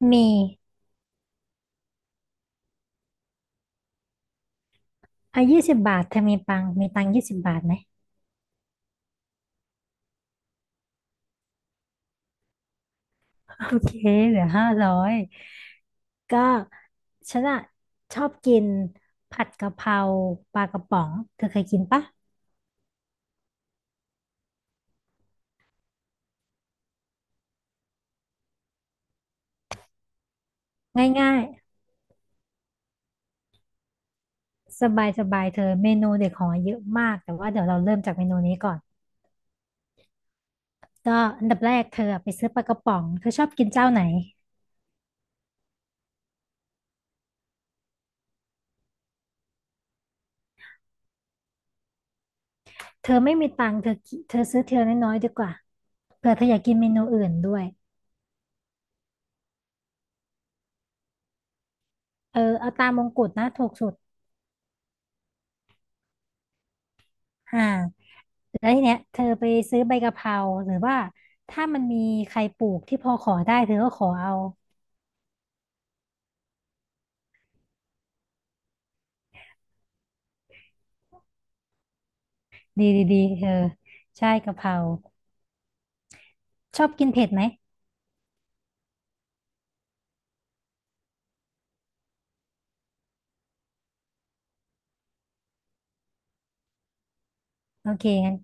มีอ่ะ20 บาทเธอมีปังมีตังยี่สิบบาทไหมโอเคเหลือ500ก็ฉันอะชอบกินผัดกะเพราปลากระป๋องเธอเคยกินปะง่ายๆสบายสบายเธอเมนูเด็กของเยอะมากแต่ว่าเดี๋ยวเราเริ่มจากเมนูนี้ก่อนก็อันดับแรกเธอไปซื้อปลากระป๋องเธอชอบกินเจ้าไหนเธอไม่มีตังค์เธอกิเธอซื้อเทียน้อยๆดีกว่าเผื่อเธออยากกินเมนูอื่นด้วยเออเอาตามมงกุฎนะถูกสุดอ่า แล้วทีเนี้ยเธอไปซื้อใบกะเพราหรือว่าถ้ามันมีใครปลูกที่พอขอได้เธอก็ขอเอาดีดีดีเธอใช่กะเพราชอบกินเผ็ดไหมโอเคงั้น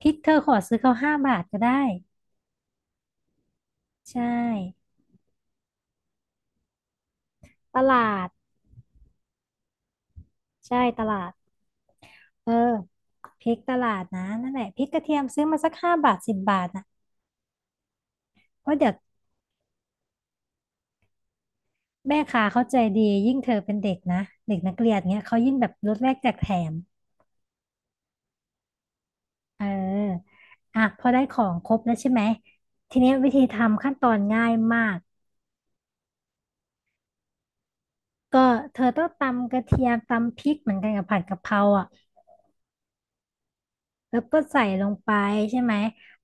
พริกเธอขอซื้อเขาห้าบาทก็ได้ใช่ตลาดใช่ตลาดเออพริกตลาดนะนั่นแหละพริกกระเทียมซื้อมาสักห้าบาทสิบบาทนะเพราะเดี๋ยวแม่ค้าเขาใจดียิ่งเธอเป็นเด็กนะเด็กนักเรียนเงี้ยเขายิ่งแบบลดแลกแจกแถม เอออ่ะพอได้ของครบแล้วใช่ไหมทีเนี้ยวิธีทำขั้นตอนง่ายมากก็เธอต้องตำกระเทียมตำพริกเหมือนกันกับผัดกะเพราอ่ะแล้วก็ใส่ลงไปใช่ไหม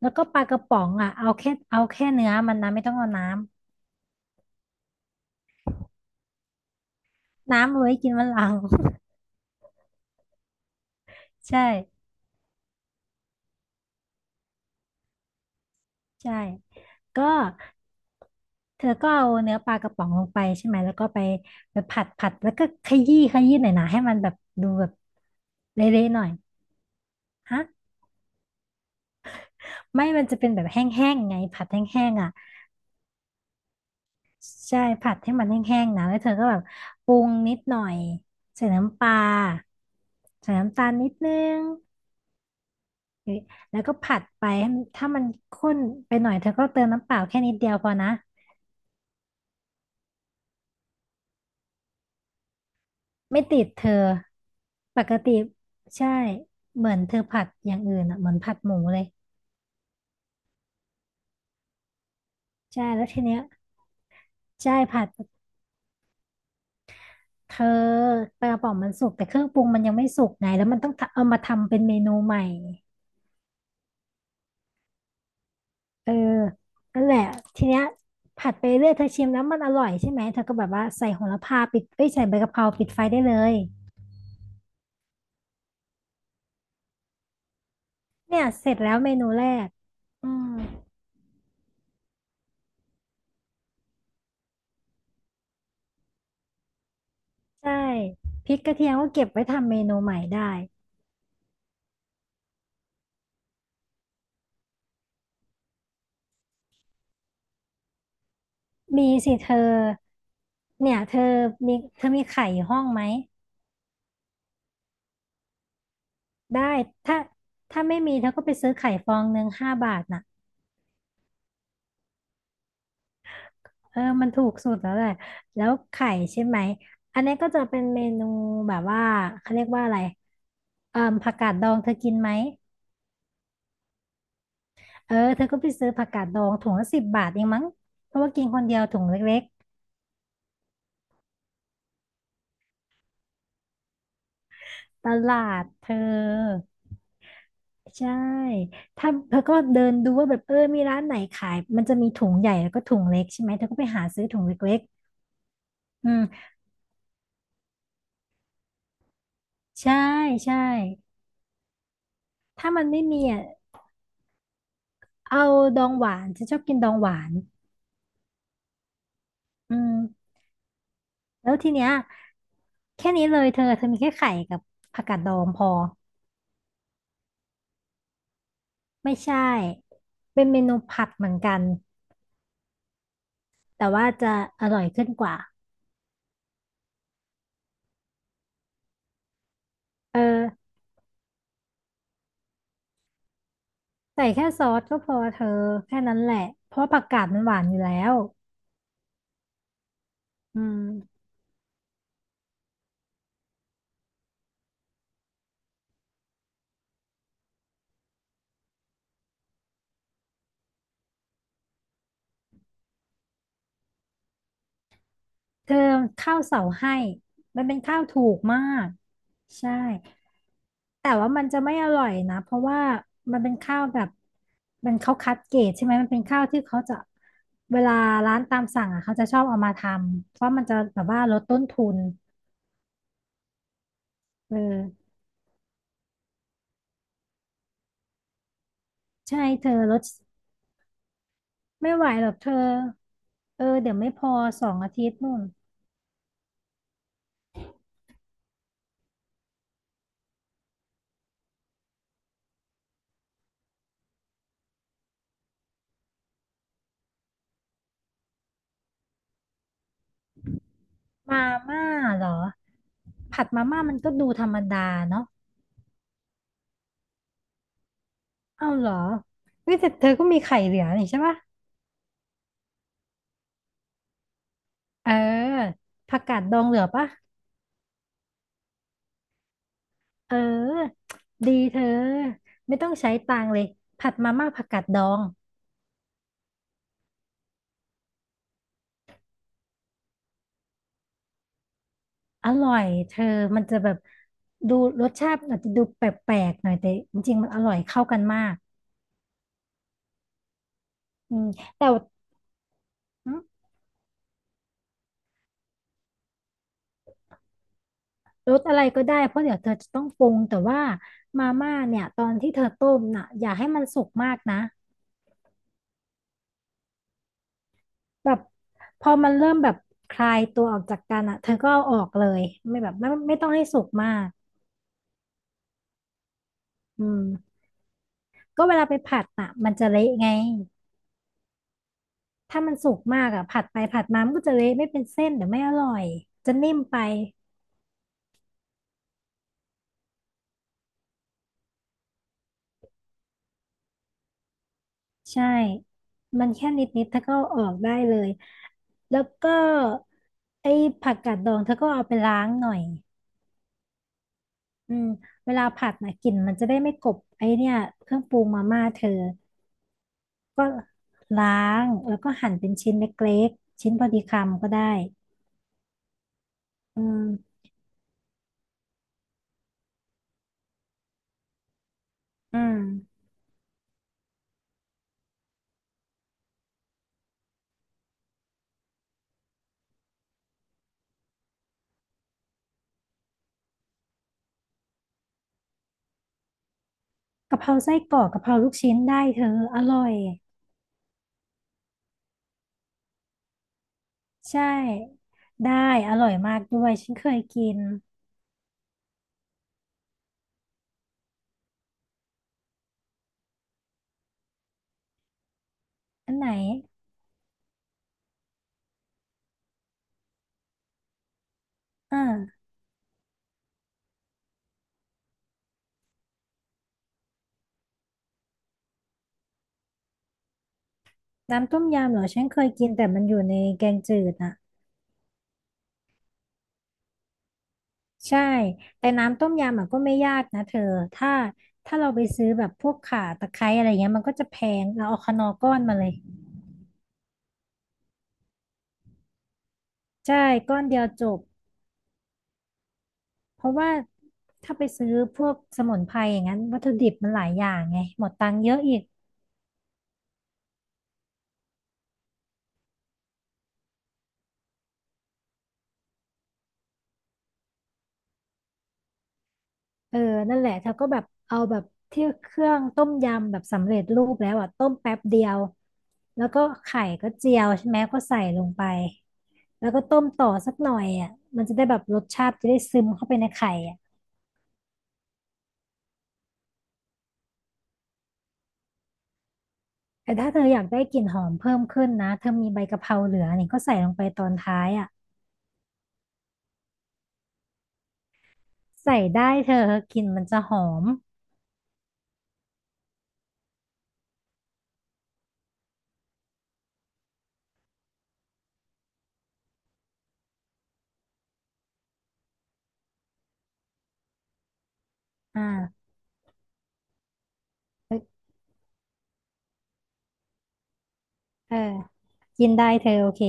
แล้วก็ปลากระป๋องอ่ะเอาแค่เนื้อมันนะไม่ต้องเอาน้ำน้ำเอาไว้กินวันหลัง ใช่ใช่ก็เธอก็เอาเนื้อปลากระป๋องลงไปใช่ไหมแล้วก็ไปผัดผัดแล้วก็ขยี้ขยี้หน่อยนะให้มันแบบดูแบบเละๆหน่อยฮะ ไม่มันจะเป็นแบบแห้งๆไงผัดแห้งๆอ่ะใช่ผัดให้มันแห้งๆนะแล้วเธอก็แบบปรุงนิดหน่อยใส่น้ำปลาใส่น้ำตาลนิดนึงหรือแล้วก็ผัดไปให้มันถ้ามันข้นไปหน่อยเธอก็เติมน้ำเปล่าแค่นิดเดียวพอนะไม่ติดเธอปกติใช่เหมือนเธอผัดอย่างอื่นอ่ะเหมือนผัดหมูเลยใช่แล้วทีเนี้ยใช่ผัดเธอปลากระป๋องมันสุกแต่เครื่องปรุงมันยังไม่สุกไงแล้วมันต้องทำเอามาทำเป็นเมนูใหม่ เออนั่นแหละทีเนี้ยผัดไปเรื่อยเธอชิมแล้วมันอร่อยใช่ไหมเธอก็แบบว่าใส่โหระพาปิดเอ้ยใส่ใบกะเพราปิดไฟได้เลยเนี่ยเสร็จแล้วเมนูแรกอืมใช่พริกกระเทียมก็เก็บไว้ทำเมนูใหม่ได้มีสิเธอเนี่ยเธอมีเธอมีไข่อยู่ห้องไหมได้ถ้าถ้าไม่มีเธอก็ไปซื้อไข่ฟองหนึ่งห้าบาทน่ะ เออมันถูกสุดแล้วแหละแล้วไข่ใช่ไหม อันนี้ก็จะเป็นเมนูแบบว่าเขาเรียกว่าอะไรผักกาดดองเธอกินไหมเออเธอก็ไปซื้อผักกาดดองถุงละสิบบาทเองมั้งเพราะว่ากินคนเดียวถุงเล็กๆตลาดเธอใช่ถ้าเธอก็เดินดูว่าแบบเออมีร้านไหนขายมันจะมีถุงใหญ่แล้วก็ถุงเล็กใช่ไหมเธอก็ไปหาซื้อถุงเล็กๆอืมใช่ใช่ถ้ามันไม่มีอ่ะเอาดองหวานฉันชอบกินดองหวาน อืมแล้วทีเนี้ยแค่นี้เลยเธอเธอมีแค่ไข่กับผักกาดดองพอไม่ใช่เป็นเมนูผัดเหมือนกันแต่ว่าจะอร่อยขึ้นกว่าเออใส่แค่ซอสก็พอเธอแค่นั้นแหละเพราะผักกาดมันหวานอยู่แล้วอืม เธอข้าวเสาให้มันเป็นข้าวถูกมากใช่แต่ว่ามันจะไม่อร่อยนะเพราะว่ามันเป็นข้าวแบบมันเขาคัดเกรดใช่ไหมมันเป็นข้าวที่เขาจะเวลาร้านตามสั่งอ่ะเขาจะชอบเอามาทำเพราะมันจะแบบว่าลดต้นทุนเออใช่เธอลดไม่ไหวหรอกเธอเออเดี๋ยวไม่พอ2 อาทิตย์นู่นมาม่าเหรอผัดมาม่ามันก็ดูธรรมดาเนาะเอ้าเหรอเฮ้ยแต่เธอก็มีไข่เหลือนี่ใช่ปะ เออผักกาดดองเหลือปะเออดีเธอไม่ต้องใช้ตังค์เลยผัดมาม่าผักกาดดองอร่อยเธอมันจะแบบดูรสชาติอาจจะดูแปลกๆหน่อยแต่จริงๆมันอร่อยเข้ากันมากอืมแต่ว่าอืมรสอะไรก็ได้เพราะเดี๋ยวเธอจะต้องปรุงแต่ว่ามาม่าเนี่ยตอนที่เธอต้มน่ะอย่าให้มันสุกมากนะแบบพอมันเริ่มแบบคลายตัวออกจากกันอ่ะเธอก็เอาออกเลยไม่แบบไม่ไม่ต้องให้สุกมากอืม ก็เวลาไปผัดอ่ะมันจะเละไง ถ้ามันสุกมากอ่ะผัดไปผัดมามันก็จะเละไม่เป็นเส้นเดี๋ยวไม่อร่อย จะนิ่มไปใช่ มันแค่นิดนิดเธอก็เอาออกได้เลย แล้วก็ไอ้ผักกาดดองเธอก็เอาไปล้างหน่อยอืมเวลาผัดนะกลิ่นมันจะได้ไม่กบไอ้เนี่ยเครื่องปรุงมาม่าเธอก็ล้างแล้วก็หั่นเป็นชิ้นเล็กๆชิ้นพอดีคำก็ได้อืมอืมกะเพราไส้กรอกกะเพราลูกชิ้นได้เธออร่อย ใช่ได้อร่อยมากด้วยฉันเคยกินอันไหนอ่าน้ำต้มยำเหรอฉันเคยกินแต่มันอยู่ในแกงจืดอะใช่แต่น้ำต้มยำอะก็ไม่ยากนะเธอถ้าถ้าเราไปซื้อแบบพวกข่าตะไคร้อะไรเงี้ยมันก็จะแพงเราเอาคนอก้อนมาเลยใช่ก้อนเดียวจบเพราะว่าถ้าไปซื้อพวกสมุนไพรอย่างนั้นวัตถุดิบมันหลายอย่างไงหมดตังค์เยอะอีก เออนั่นแหละเธอก็แบบเอาแบบที่เครื่องต้มยำแบบสำเร็จรูปแล้วอ่ะต้มแป๊บเดียวแล้วก็ไข่ก็เจียวใช่ไหมก็ใส่ลงไปแล้วก็ต้มต่อสักหน่อยอ่ะมันจะได้แบบรสชาติจะได้ซึมเข้าไปในไข่อ่ะแต่ถ้าเธออยากได้กลิ่นหอมเพิ่มขึ้นนะเธอมีใบกะเพราเหลือนี่ก็ใส่ลงไปตอนท้ายอ่ะใส่ได้เธอกลิ่นมันจะหอมอ่าเออกินได้เธอโอเค